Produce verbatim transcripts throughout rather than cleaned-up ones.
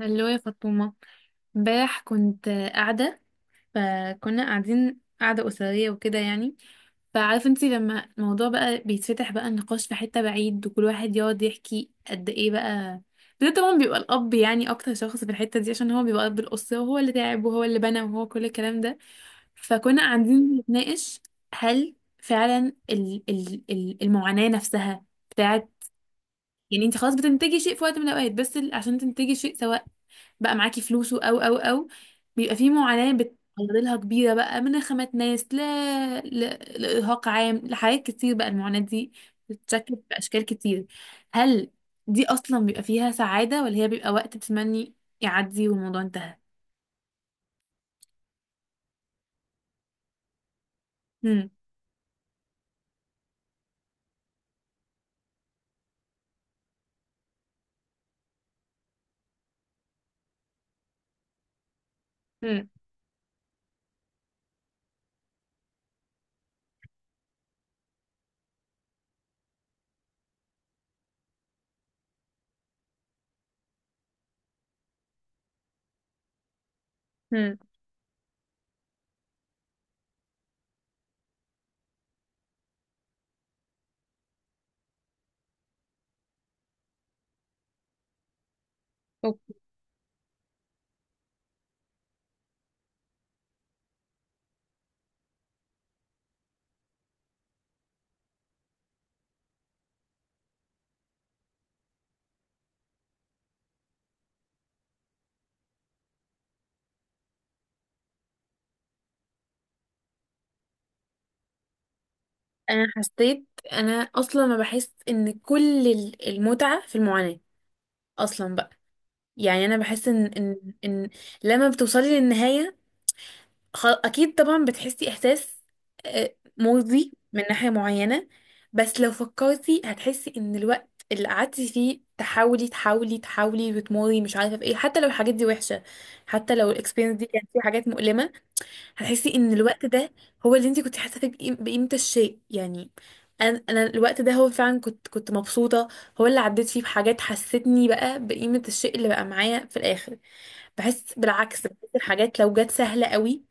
هلو يا فاطمة. امبارح كنت قاعدة، فكنا قاعدين قاعدة أسرية وكده، يعني، فعارفة انتي، لما الموضوع بقى بيتفتح، بقى النقاش في حتة بعيد وكل واحد يقعد يحكي قد ايه بقى. ده طبعا بيبقى الأب، يعني أكتر شخص في الحتة دي عشان هو بيبقى أب الأسرة وهو اللي تعب وهو اللي بنى وهو كل الكلام ده. فكنا قاعدين نتناقش، هل فعلا ال ال ال المعاناة نفسها بتاعت، يعني انت خلاص بتنتجي شيء في وقت من الأوقات، بس ال- عشان تنتجي شيء، سواء بقى معاكي فلوسه او او او بيبقى في معاناة بتعرضلها كبيرة بقى، من خامة ناس، ل... ل... لإرهاق عام، لحاجات كتير. بقى المعاناة دي بتتشكل بأشكال كتير. هل دي أصلا بيبقى فيها سعادة، ولا هي بيبقى وقت بتمني يعدي والموضوع انتهى؟ هم. هم، هم. اوكي. انا حسيت انا اصلا ما بحس ان كل ال- المتعة في المعاناة اصلا بقى. يعني انا بحس ان ان ان لما بتوصلي للنهاية، خ- اكيد طبعا بتحسي احساس آه، مرضي من ناحية معينة، بس لو فكرتي هتحسي ان الوقت اللي قعدتي فيه تحاولي تحاولي تحاولي وتموري مش عارفة في ايه، حتى لو الحاجات دي وحشة، حتى لو الاكسبيرينس دي كانت فيها حاجات مؤلمة، هتحسي ان الوقت ده هو اللي انت كنت حاسة فيه بقيم- بقيمة الشيء، يعني. انا انا الوقت ده هو فعلا كنت كنت مبسوطة، هو اللي عديت فيه بحاجات حستني بقى بقيمة الشيء اللي بقى معايا في الاخر. بحس بالعكس، بحس الحاجات لو جت سهلة قوي،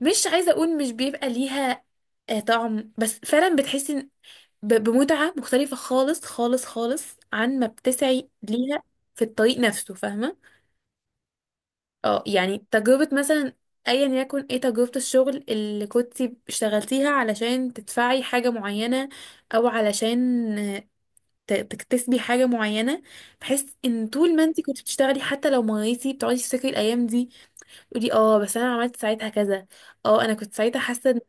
مش عايزة أقول مش بيبقى ليها آه، طعم، بس فعلا بتحسي إن- ب- بمتعة مختلفة خالص خالص خالص عن ما بتسعي ليها في الطريق نفسه، فاهمة؟ اه يعني تجربة مثلا، ايا يكن ايه، تجربة الشغل اللي كنتي اشتغلتيها علشان تدفعي حاجة معينة، او علشان آه، ت- تكتسبي حاجة معينة. بحس ان طول ما انتي كنتي بتشتغلي، حتى لو مريتي بتقعدي تفتكري الايام دي تقولي اه بس انا عملت ساعتها كذا، اه انا كنت ساعتها حاسة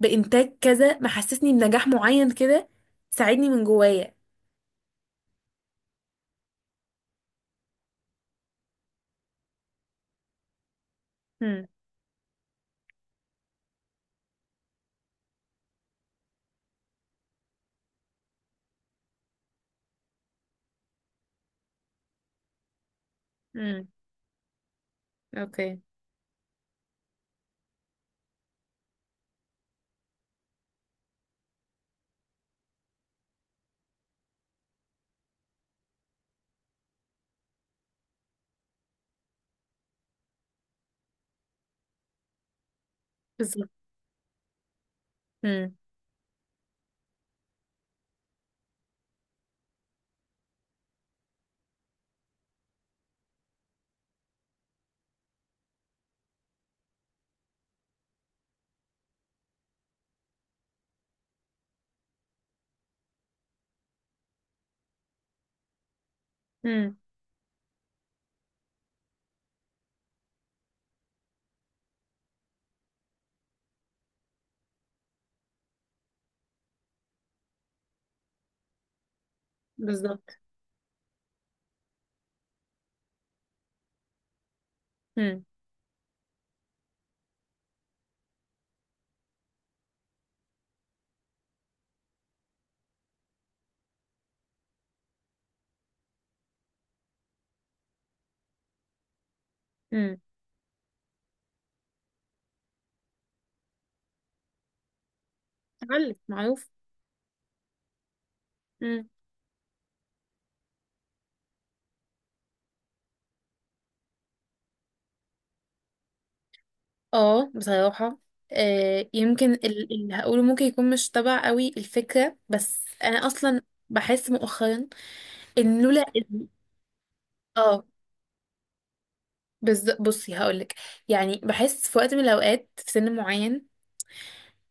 بإنتاج كذا، محسسني بنجاح معين كده، ساعدني من جوايا. امم. امم. اوكي. بالظبط. امم. امم. بالظبط. امم. امم. تعلق معروف. امم. اه بصراحة، آه يمكن ال- اللي هقوله ممكن يكون مش تبع قوي الفكرة، بس انا اصلا بحس مؤخرا ان لولا ال- اه بالظبط. بصي هقولك، يعني بحس في وقت من الاوقات، في سن معين،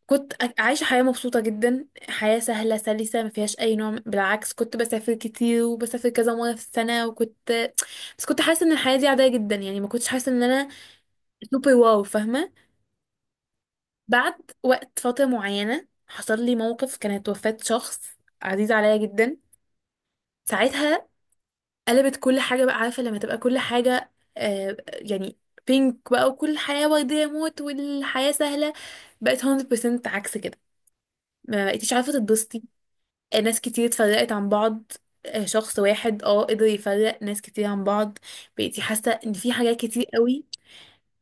كنت أ- عايشة حياة مبسوطة جدا، حياة سهلة سلسة ما فيهاش أي نوع من- بالعكس، كنت بسافر كتير وبسافر كذا مرة في السنة، وكنت بس كنت حاسة إن الحياة دي عادية جدا، يعني ما كنتش حاسة إن أنا سوبر واو، فاهمة؟ بعد وقت، فترة معينة، حصل لي موقف كانت وفاة شخص عزيز عليا جدا. ساعتها قلبت كل حاجة، بقى عارفة لما تبقى كل حاجة آه يعني بينك بقى، وكل حياة وردية، موت، والحياة سهلة بقت مية بالمية عكس كده، ما بقيتيش عارفة تتبسطي، ناس كتير اتفرقت عن بعض، آه، شخص واحد اه قدر يفرق ناس كتير عن بعض. بقيتي حاسة ان في حاجات كتير قوي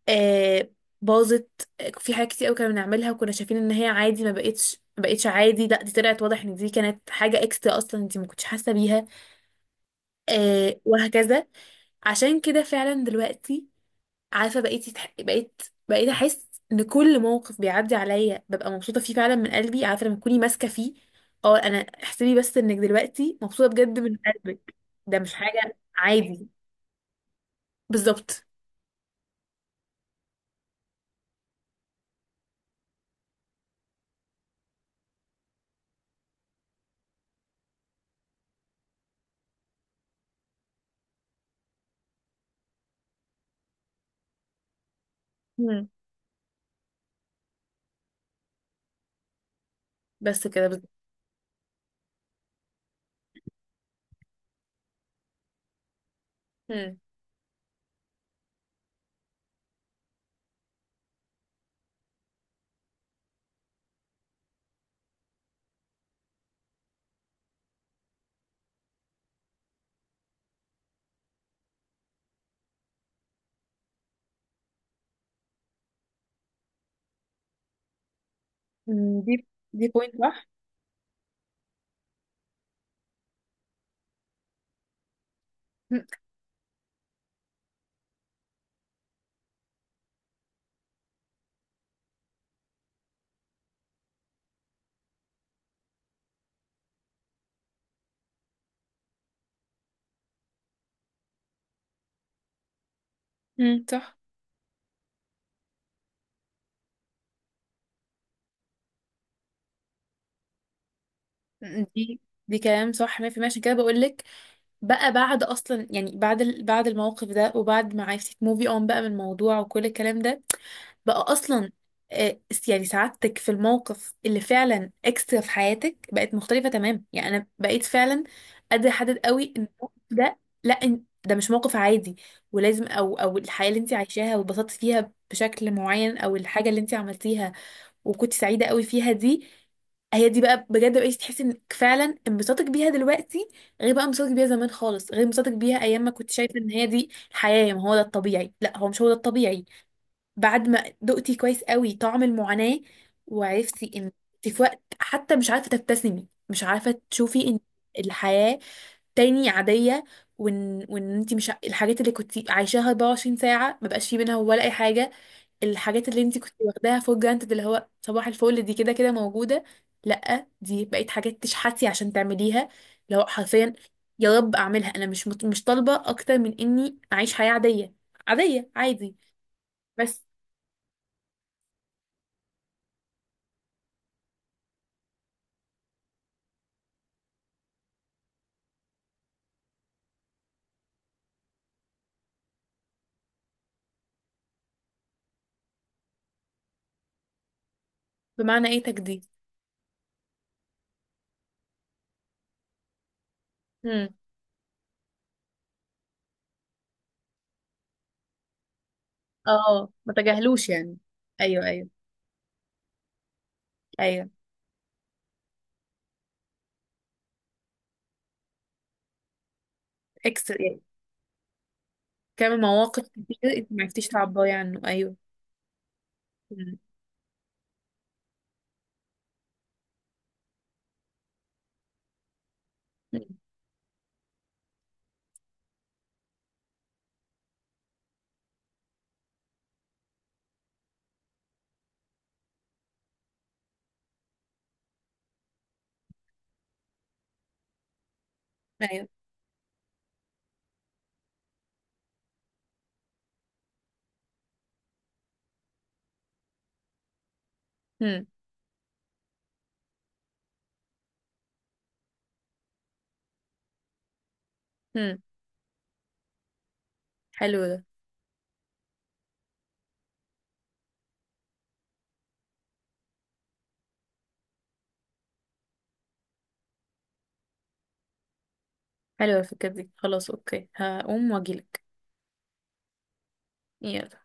آه، باظت، آه، في حاجات كتير قوي كنا بنعملها وكنا شايفين ان هي عادي، ما بقتش ما بقتش عادي، لا دي طلعت واضح ان دي كانت حاجة اكسترا اصلا انت ما كنتش حاسة بيها، آه، وهكذا. عشان كده فعلا دلوقتي، عارفه، بقيتي تح... بقيت بقيت احس ان كل موقف بيعدي عليا ببقى مبسوطه فيه فعلا من قلبي، عارفه لما تكوني ماسكه فيه، اه انا احسبي بس انك دلوقتي مبسوطه بجد من قلبك، ده مش حاجه عادي. بالظبط. مم. بس كده بالظبط. مم. مم، دي دي بوينت صح. مم. مم، صح. مم، دي دي كلام صح مية في المية، عشان كده بقول لك، بقى بعد اصلا، يعني بعد ال... بعد الموقف ده وبعد ما عرفتي تموفي اون بقى من الموضوع وكل الكلام ده، بقى اصلا آه، يعني سعادتك في الموقف اللي فعلا اكسترا في حياتك بقت مختلفه تمام، يعني انا بقيت فعلا قادره احدد قوي ان الموقف ده، لا إن- ده مش موقف عادي، ولازم او او الحياه اللي انت عايشاها واتبسطتي فيها بشكل معين، او الحاجه اللي انت عملتيها وكنت سعيده قوي فيها، دي هي دي بقى بجد بقيتي تحسي انك فعلا انبساطك بيها دلوقتي غير بقى انبساطك بيها زمان خالص، غير انبساطك بيها ايام ما كنت شايفه ان هي دي الحياه، يعني ما هو ده الطبيعي، لا هو مش هو ده الطبيعي. بعد ما دقتي كويس قوي طعم المعاناة، وعرفتي ان انت في وقت حتى مش عارفة تبتسمي، مش عارفة تشوفي ان الحياة تاني عادية، وان وان انت مش الحاجات اللي كنت عايشاها أربعة وعشرين ساعة ما بقاش في منها ولا اي حاجة. الحاجات اللي انت كنت واخداها فور جرانتد، اللي هو صباح الفل، دي كده كده موجودة، لا دي بقت حاجات تشحتي عشان تعمليها، لو حرفيا، يا رب اعملها، انا مش مط- مش طالبة اكتر من اني اعيش حياة عادية، عادية عادي بس. بمعنى ايه تجديد؟ امم. اه ما تجاهلوش، يعني، ايوه ايوه، ايوم، اكس، كام مواقف كتير انت ما عرفتيش تعبري عنه. ايوه. مم. مم. ايوه. مم. مم. حلو ده. حلوه الفكره دي، خلاص، اوكي، هقوم واجيلك. يلا.